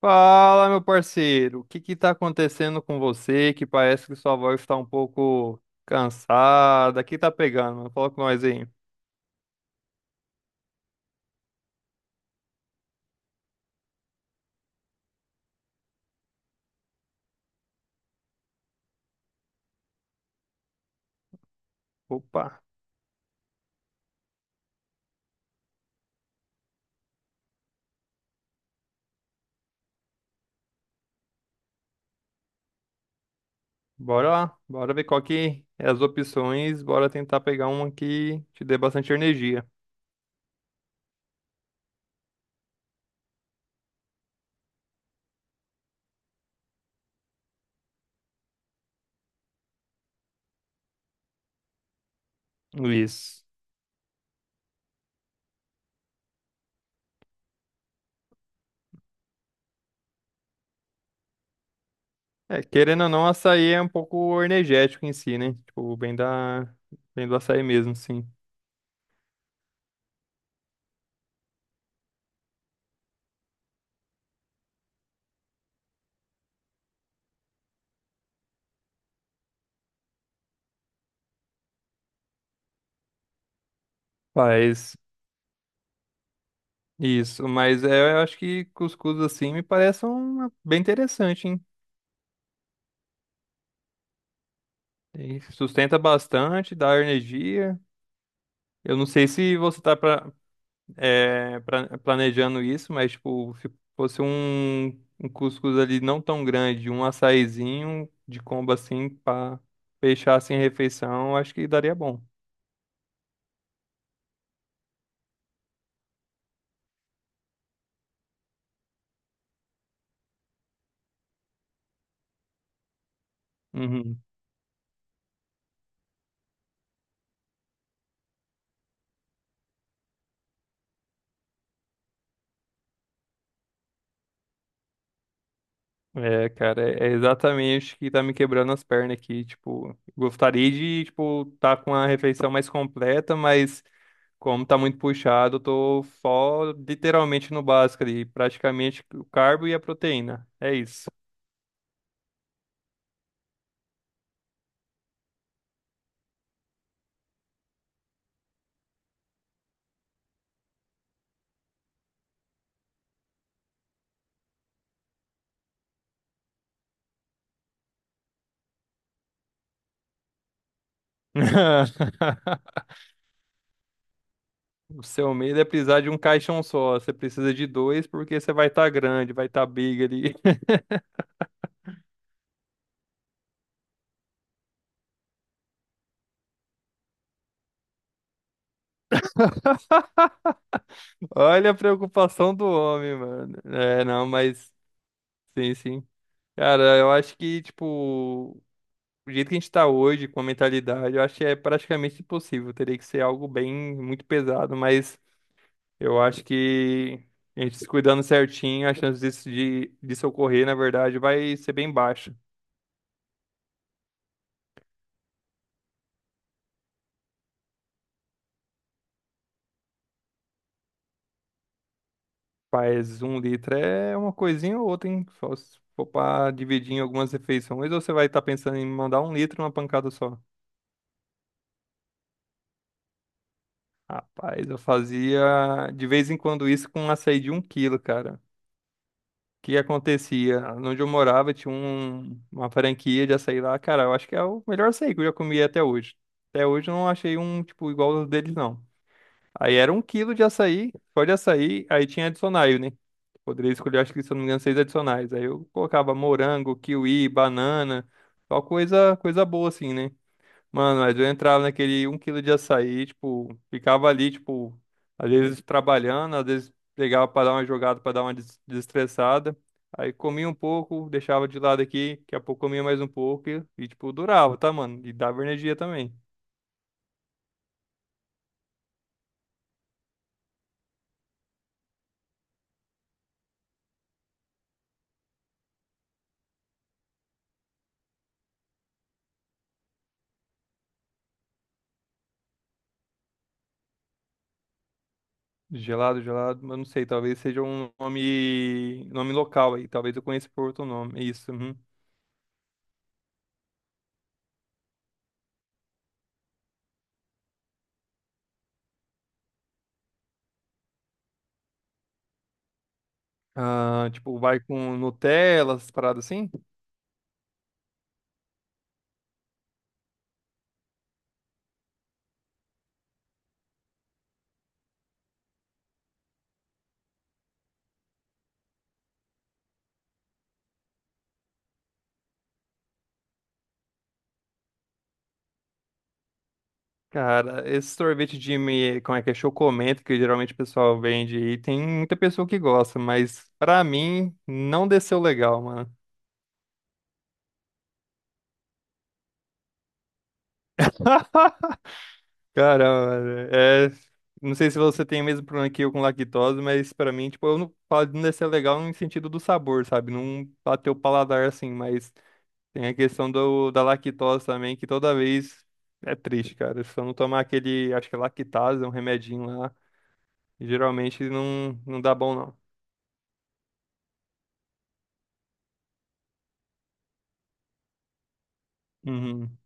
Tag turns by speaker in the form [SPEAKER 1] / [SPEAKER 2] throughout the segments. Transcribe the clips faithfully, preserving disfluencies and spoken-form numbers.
[SPEAKER 1] Fala, meu parceiro, o que que tá acontecendo com você? Que parece que sua voz tá um pouco cansada. O que tá pegando, mano? Fala com nós aí. Opa, bora lá, bora ver qual que é as opções, bora tentar pegar uma que te dê bastante energia. Isso. É, querendo ou não, açaí é um pouco energético em si, né? Tipo, bem da, bem do açaí mesmo, sim. Mas, isso. Mas é, eu acho que cuscuz assim me parece uma bem interessante, hein? E sustenta bastante, dá energia. Eu não sei se você está pra, é, planejando isso, mas tipo, se fosse um, um cuscuz ali não tão grande, um açaizinho de combo assim para fechar assim a refeição, eu acho que daria bom. Uhum. É, cara, é é exatamente o que tá me quebrando as pernas aqui, tipo, gostaria de, tipo, tá com a refeição mais completa, mas como tá muito puxado, eu tô só literalmente no básico ali, praticamente o carbo e a proteína. É isso. O seu medo é precisar de um caixão só. Você precisa de dois porque você vai estar grande, vai estar big ali. Olha a preocupação do homem, mano. É, não, mas sim, sim. Cara, eu acho que, tipo, o jeito que a gente tá hoje, com a mentalidade, eu acho que é praticamente impossível. Teria que ser algo bem, muito pesado, mas. Eu acho que a gente se cuidando certinho, a chance disso, de, disso ocorrer, na verdade, vai ser bem baixa. Mas um litro é uma coisinha ou outra, hein? Só se for pra dividir em algumas refeições, ou você vai estar pensando em mandar um litro numa pancada só? Rapaz, eu fazia de vez em quando isso com um açaí de um quilo, cara. O que acontecia? Onde eu morava tinha um- uma franquia de açaí lá. Cara, eu acho que é o melhor açaí que eu já comi até hoje. Até hoje eu não achei um, tipo, igual ao deles, não. Aí era um quilo de açaí, só de açaí, aí tinha adicionais, né? Poderia escolher, acho que se eu não me engano, seis adicionais. Aí eu colocava morango, kiwi, banana, só coisa, coisa boa assim, né? Mano, mas eu entrava naquele um quilo de açaí, tipo, ficava ali, tipo, às vezes trabalhando, às vezes pegava pra dar uma jogada, pra dar uma des- desestressada. Aí comia um pouco, deixava de lado aqui, daqui a pouco comia mais um pouco e, e, tipo, durava, tá, mano? E dava energia também. Gelado, gelado, mas não sei, talvez seja um nome, nome local aí, talvez eu conheça por outro nome, é isso. Uhum. Ah, tipo, vai com Nutella, essas paradas assim? Cara, esse sorvete de, me- como é que é, chocomento, que geralmente o pessoal vende aí, tem muita pessoa que gosta, mas pra mim, não desceu legal, mano. Cara, mano, é... não sei se você tem o mesmo problema que eu com lactose, mas pra mim, tipo, eu não falo de não descer legal no sentido do sabor, sabe? Não bateu o paladar assim, mas... Tem a questão do, da lactose também, que toda vez é triste, cara. Se eu não tomar aquele, acho que é lactase, um remedinho lá, geralmente não, não dá bom, não. Uhum.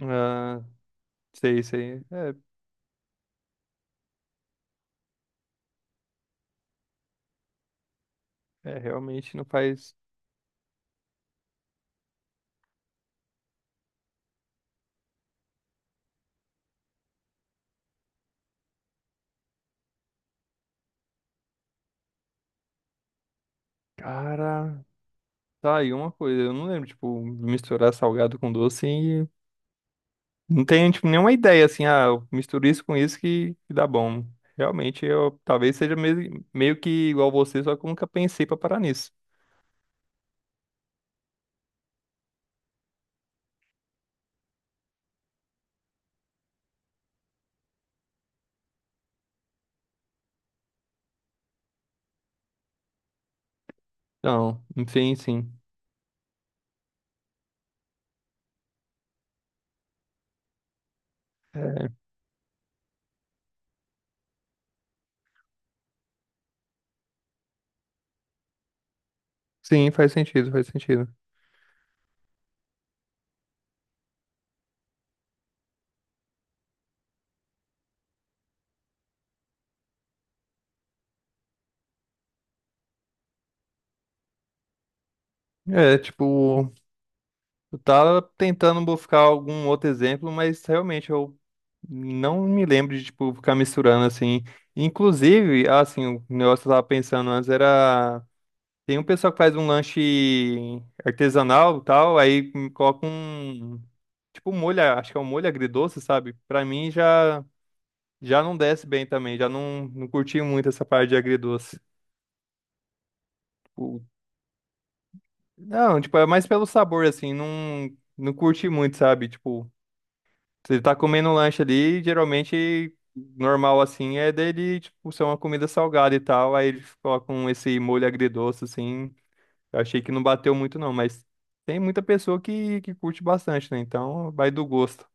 [SPEAKER 1] Ah, sei, sei. É, é, realmente não faz. Cara, tá aí uma coisa. Eu não lembro, tipo, misturar salgado com doce e não tenho, tipo, nenhuma ideia, assim, ah, eu misturo isso com isso que, que dá bom. Realmente, eu talvez seja meio, meio que igual você, só que eu nunca pensei pra parar nisso. Então, enfim, sim. Sim, faz sentido, faz sentido. É, tipo, eu tava tentando buscar algum outro exemplo, mas realmente eu não me lembro de, tipo, ficar misturando assim. Inclusive, assim, o negócio que eu tava pensando antes era. Tem um pessoal que faz um lanche artesanal e tal, aí coloca um. Tipo, molho, acho que é um molho agridoce, sabe? Pra mim já, já não desce bem também, já não, não curti muito essa parte de agridoce. Tipo, não, tipo, é mais pelo sabor, assim, não, não curti muito, sabe? Tipo, você tá comendo um lanche ali, geralmente normal, assim, é dele, tipo, ser uma comida salgada e tal, aí eles colocam esse molho agridoce, assim, eu achei que não bateu muito não, mas tem muita pessoa que, que curte bastante, né? Então, vai do gosto.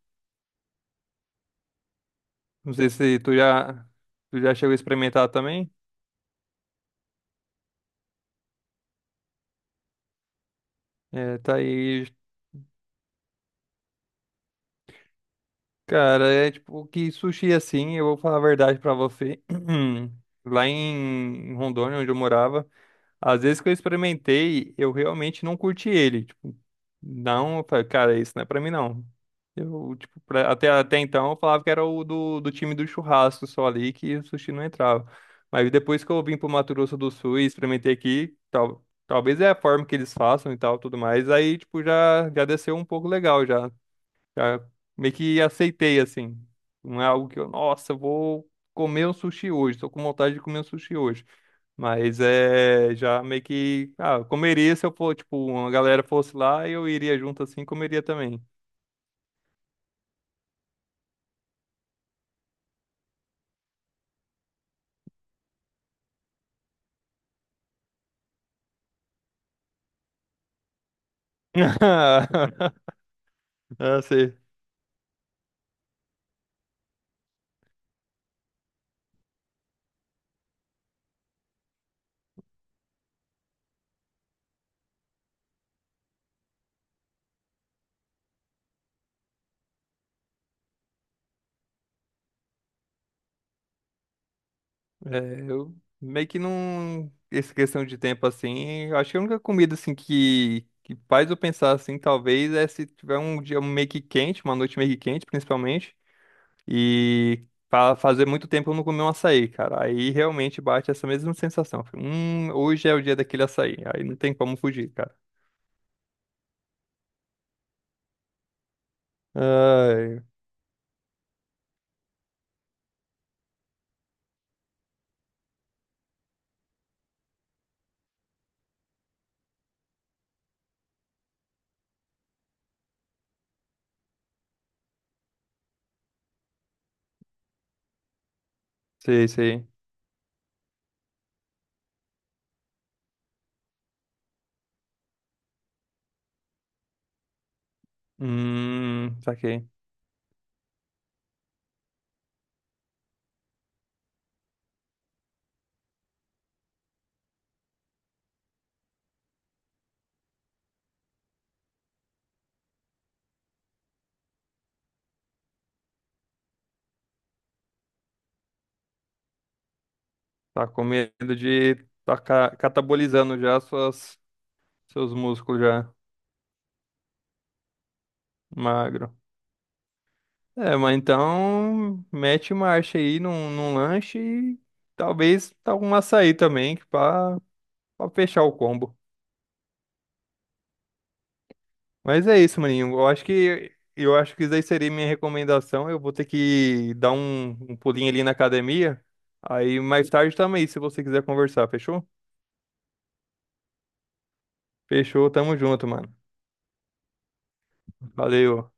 [SPEAKER 1] Não sei se tu já, tu já chegou a experimentar também, é, tá aí. Cara, é tipo que sushi assim, eu vou falar a verdade pra você. Lá em em Rondônia, onde eu morava, às vezes que eu experimentei, eu realmente não curti ele. Tipo, não, eu falei, cara, isso não é pra mim não. Eu, tipo, pra- até, até então eu falava que era o do, do time do churrasco só ali, que o sushi não entrava. Mas depois que eu vim pro Mato Grosso do Sul e experimentei aqui, tal, talvez é a forma que eles façam e tal, tudo mais, aí, tipo, já, já desceu um pouco legal já. Já meio que aceitei, assim. Não é algo que eu, nossa, eu vou comer um sushi hoje, tô com vontade de comer um sushi hoje. Mas é, já meio que, ah, eu comeria se eu for, tipo, uma galera fosse lá, eu iria junto assim, e comeria também. Ah, sei. É, eu meio que não. Essa questão de tempo assim, eu acho que a única comida assim que, que faz eu pensar assim, talvez, é se tiver um dia meio que quente, uma noite meio que quente, principalmente. E fa- fazer muito tempo eu não comi um açaí, cara. Aí realmente bate essa mesma sensação. Fica. Hum, hoje é o dia daquele açaí. Aí não tem como fugir, cara. Ai, sei, sei. Hum, saquei. Tá com medo de tá ca- catabolizando já suas, seus músculos já magro. É, mas então mete marcha aí num, num lanche e talvez tá um açaí também, que pra, pra fechar o combo. Mas é isso, maninho. Eu acho que eu acho que isso aí seria minha recomendação. Eu vou ter que dar um, um pulinho ali na academia. Aí mais tarde também, se você quiser conversar, fechou? Fechou, tamo junto, mano. Valeu.